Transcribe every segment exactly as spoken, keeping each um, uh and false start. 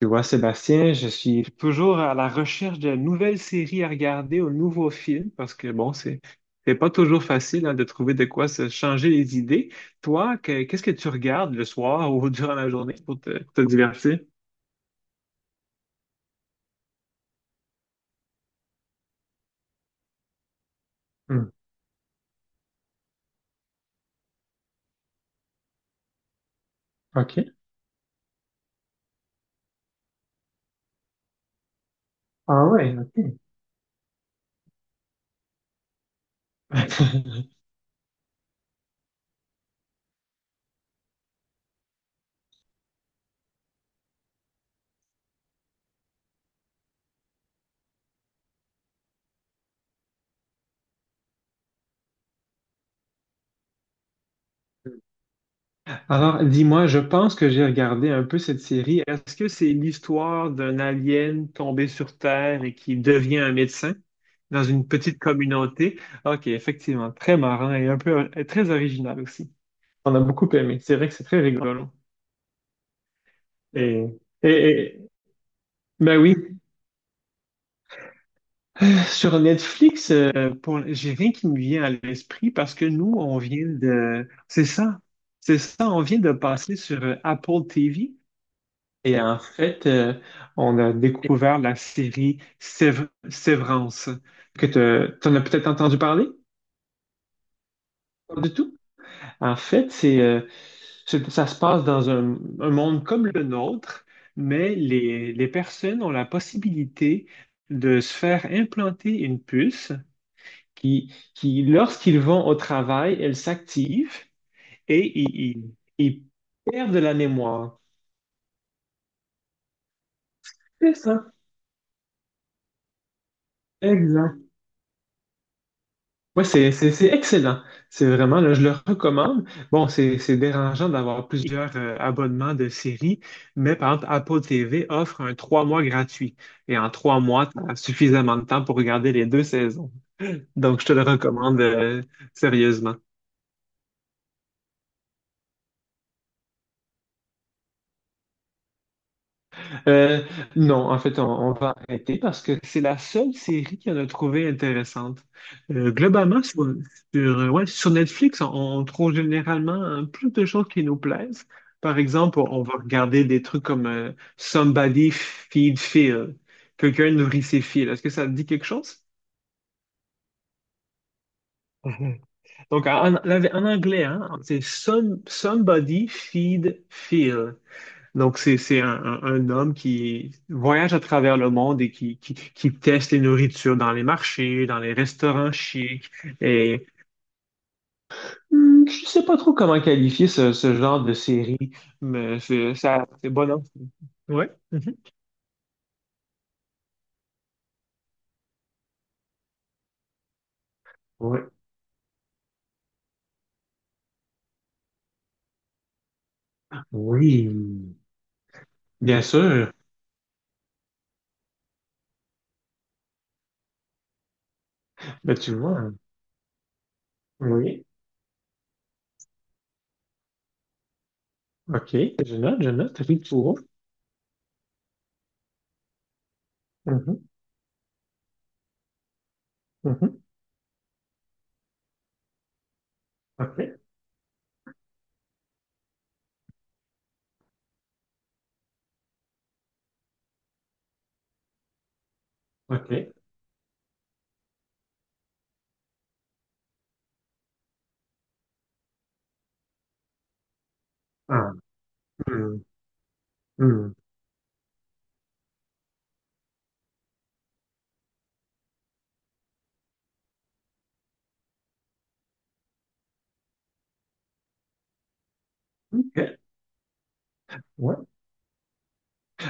Tu vois, Sébastien, je suis toujours à la recherche de nouvelles séries à regarder, ou de nouveaux films, parce que bon, c'est c'est pas toujours facile hein, de trouver de quoi se changer les idées. Toi, que- qu'est-ce que tu regardes le soir ou durant la journée pour te, te divertir? Hmm. OK. Ah ouais, OK. Alors, dis-moi, je pense que j'ai regardé un peu cette série. Est-ce que c'est l'histoire d'un alien tombé sur Terre et qui devient un médecin dans une petite communauté? Ok, effectivement, très marrant et un peu et très original aussi. On a beaucoup aimé. C'est vrai que c'est très rigolo. Et, et, et- ben oui, sur Netflix, euh, pour, j'ai rien qui me vient à l'esprit parce que nous, on vient de, c'est ça, c'est ça, on vient de passer sur euh, Apple T V. Et en fait, euh, on a découvert la série Sév- Sévrance, que tu en as peut-être entendu parler? Pas du tout. En fait, c'est, euh, c'est- ça se passe dans un, un monde comme le nôtre, mais les, les personnes ont la possibilité de se faire implanter une puce qui, qui lorsqu'ils vont au travail, elle s'active et ils, ils- ils perdent la mémoire. C'est ça, exact. Ouais, c'est c'est- c'est excellent. C'est vraiment, là, je le recommande. Bon, c'est c'est dérangeant d'avoir plusieurs euh, abonnements de séries, mais par exemple, Apple T V offre un trois mois gratuit. Et en trois mois, tu as suffisamment de temps pour regarder les deux saisons. Donc, je te le recommande euh, sérieusement. Euh, non, en fait, on, on va arrêter parce que c'est la seule série qu'on a trouvée intéressante. Euh, globalement, sur, sur, euh, ouais, sur Netflix, on, on trouve généralement euh, plus de choses qui nous plaisent. Par exemple, on on va regarder des trucs comme euh, Somebody Feed Phil. Quelqu'un nourrit ses fils. Est-ce que ça te dit quelque chose? Mhm. Donc, en, en- en anglais, hein, c'est some- Somebody Feed Phil. Donc, c'est, c'est un, un- un homme qui voyage à travers le monde et qui, qui, qui teste les nourritures dans les marchés, dans les restaurants chics. Et hmm, je sais pas trop comment qualifier ce, ce genre de série, mais c'est ça, c'est bon, hein? Ouais. Mhm. Ouais. Oui, bien sûr. Ben, tu vois, hein. Oui. OK. Je note, je note. Ritsuo. Mhm, mhm. OK. OK. Ah. Hmm, hmm. OK. Ouais.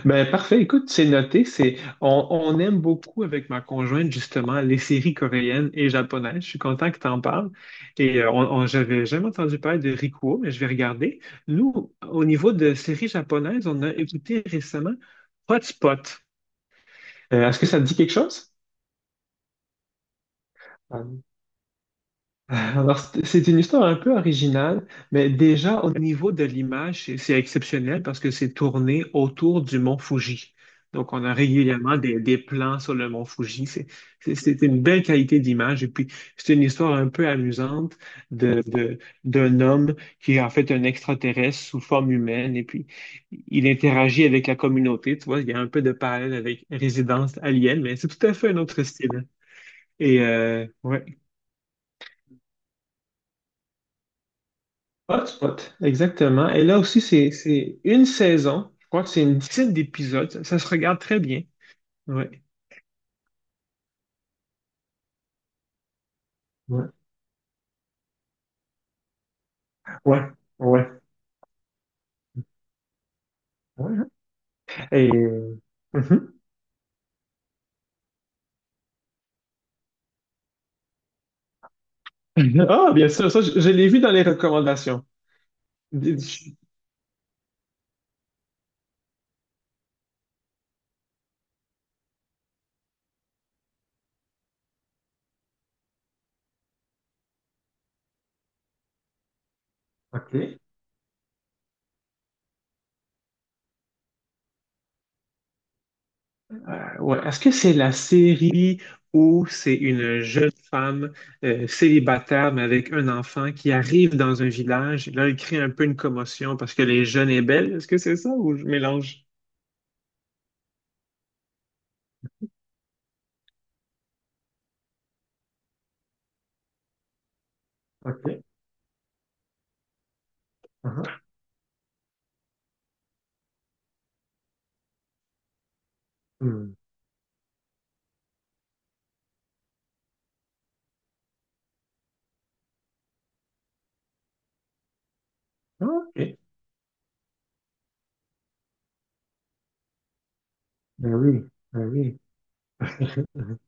Ben, parfait. Écoute, c'est noté. C'est, on, on aime beaucoup avec ma conjointe, justement, les séries coréennes et japonaises. Je suis content que tu en parles. Et euh, on, on- j'avais jamais entendu parler de Rikuo, mais je vais regarder. Nous, au niveau de séries japonaises, on a écouté récemment Hotspot. Euh, est-ce que ça te dit quelque chose? Alors, c'est c'est une histoire un peu originale, mais déjà au niveau de l'image, c'est c'est exceptionnel parce que c'est tourné autour du mont Fuji. Donc, on a régulièrement des, des plans sur le mont Fuji. C'est c'est- c'est une belle qualité d'image. Et puis, c'est une histoire un peu amusante de, de- d'un homme qui est en fait un extraterrestre sous forme humaine. Et puis, il interagit avec la communauté. Tu vois, il y a un peu de parallèle avec Résidence Alien, mais c'est tout à fait un autre style. Et euh, ouais. Hotspot, exactement. Et là aussi, c'est, c'est une saison. Je crois que c'est une dizaine d'épisodes. Ça, ça se regarde très bien. Ouais. Ouais. Ouais. Ouais. Ouais. Et... euh, mhm. Ah, bien sûr, ça, je, je l'ai vu dans les recommandations. D- je- OK. Euh, ouais. Est-ce que c'est la série où c'est une jeune femme euh, célibataire, mais avec un enfant, qui arrive dans un village et là, elle crée un peu une commotion parce que les jeunes est belle? Est-ce que c'est ça ou je mélange? OK. Mhm. Ah, Ok. Ben oui, ben oui.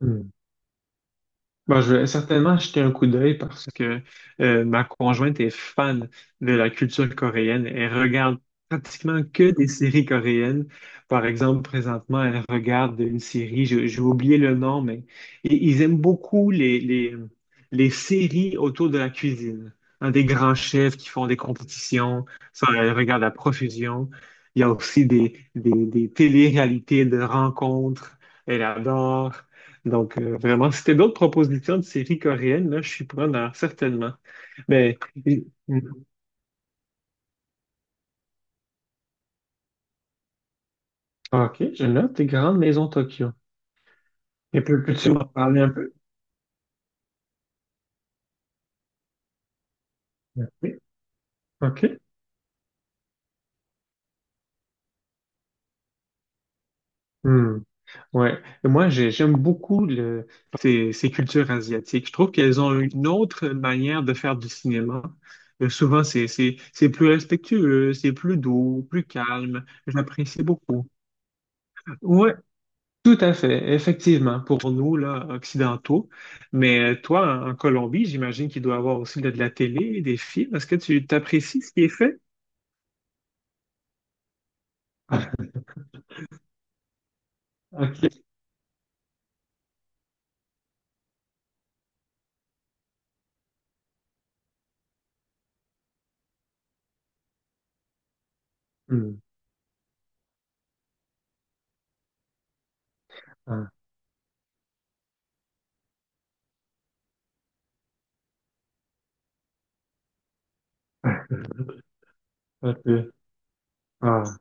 Hmm. Bon, je vais certainement jeter un coup d'œil parce que euh, ma conjointe est fan de la culture coréenne. Elle regarde pratiquement que des séries coréennes. Par exemple, présentement, elle regarde une série, je- j'ai oublié le nom, mais i- ils aiment beaucoup les, les, les séries autour de la cuisine. Hein, des grands chefs qui font des compétitions, ça, elle regarde à profusion. Il y a aussi des, des, des télé-réalités de rencontres, elle adore. Donc, euh, vraiment, si t'as d'autres propositions de séries coréennes, là, je suis preneur, certainement. Mais, et- OK, je note tes grandes maisons Tokyo. Et peux- peux-tu m'en parler un peu? Oui. OK. Hmm. Ouais. Et moi, j'ai- j'aime beaucoup le, ces, ces cultures asiatiques. Je trouve qu'elles ont une autre manière de faire du cinéma. Euh, souvent, c'est, c'est, c'est plus respectueux, c'est plus doux, plus calme. J'apprécie beaucoup. Ouais, tout à fait, effectivement, pour nous, là, occidentaux. Mais euh, toi, en en Colombie, j'imagine qu'il doit y avoir aussi de de la télé, des films. Est-ce que tu t'apprécies ce qui est fait? OK. Hmm. Ah. Ok. Ah.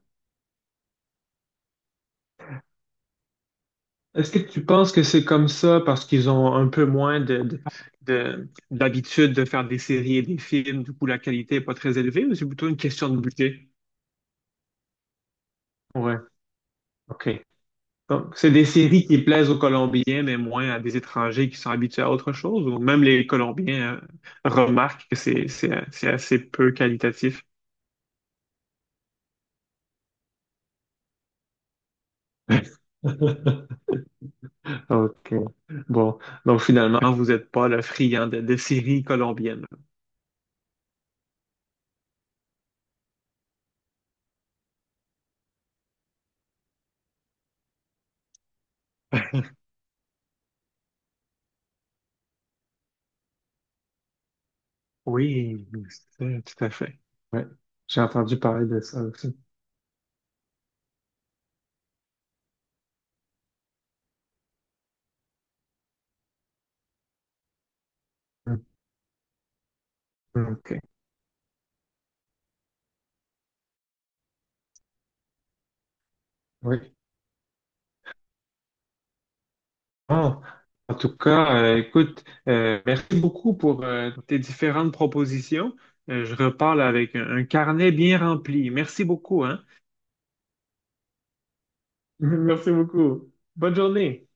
Est-ce que tu penses que c'est comme ça parce qu'ils ont un peu moins de, de, de- d'habitude de faire des séries et des films, du coup la qualité n'est pas très élevée, ou c'est plutôt une question de budget? Ouais, OK. Donc, c'est des séries qui plaisent aux Colombiens, mais moins à des étrangers qui sont habitués à autre chose, ou même les Colombiens euh, remarquent que c'est, c'est, c'est assez peu qualitatif. OK. Bon. Donc, finalement, vous n'êtes pas le friand de, de séries colombiennes. Oui, c'est- tout à fait. Ouais. J'ai entendu parler de ça aussi. Mm. OK. Oui. Bon, en tout cas, euh, écoute, euh, merci beaucoup pour euh, tes différentes propositions. Euh, je reparle avec un un carnet bien rempli. Merci beaucoup, hein? Merci beaucoup. Bonne journée.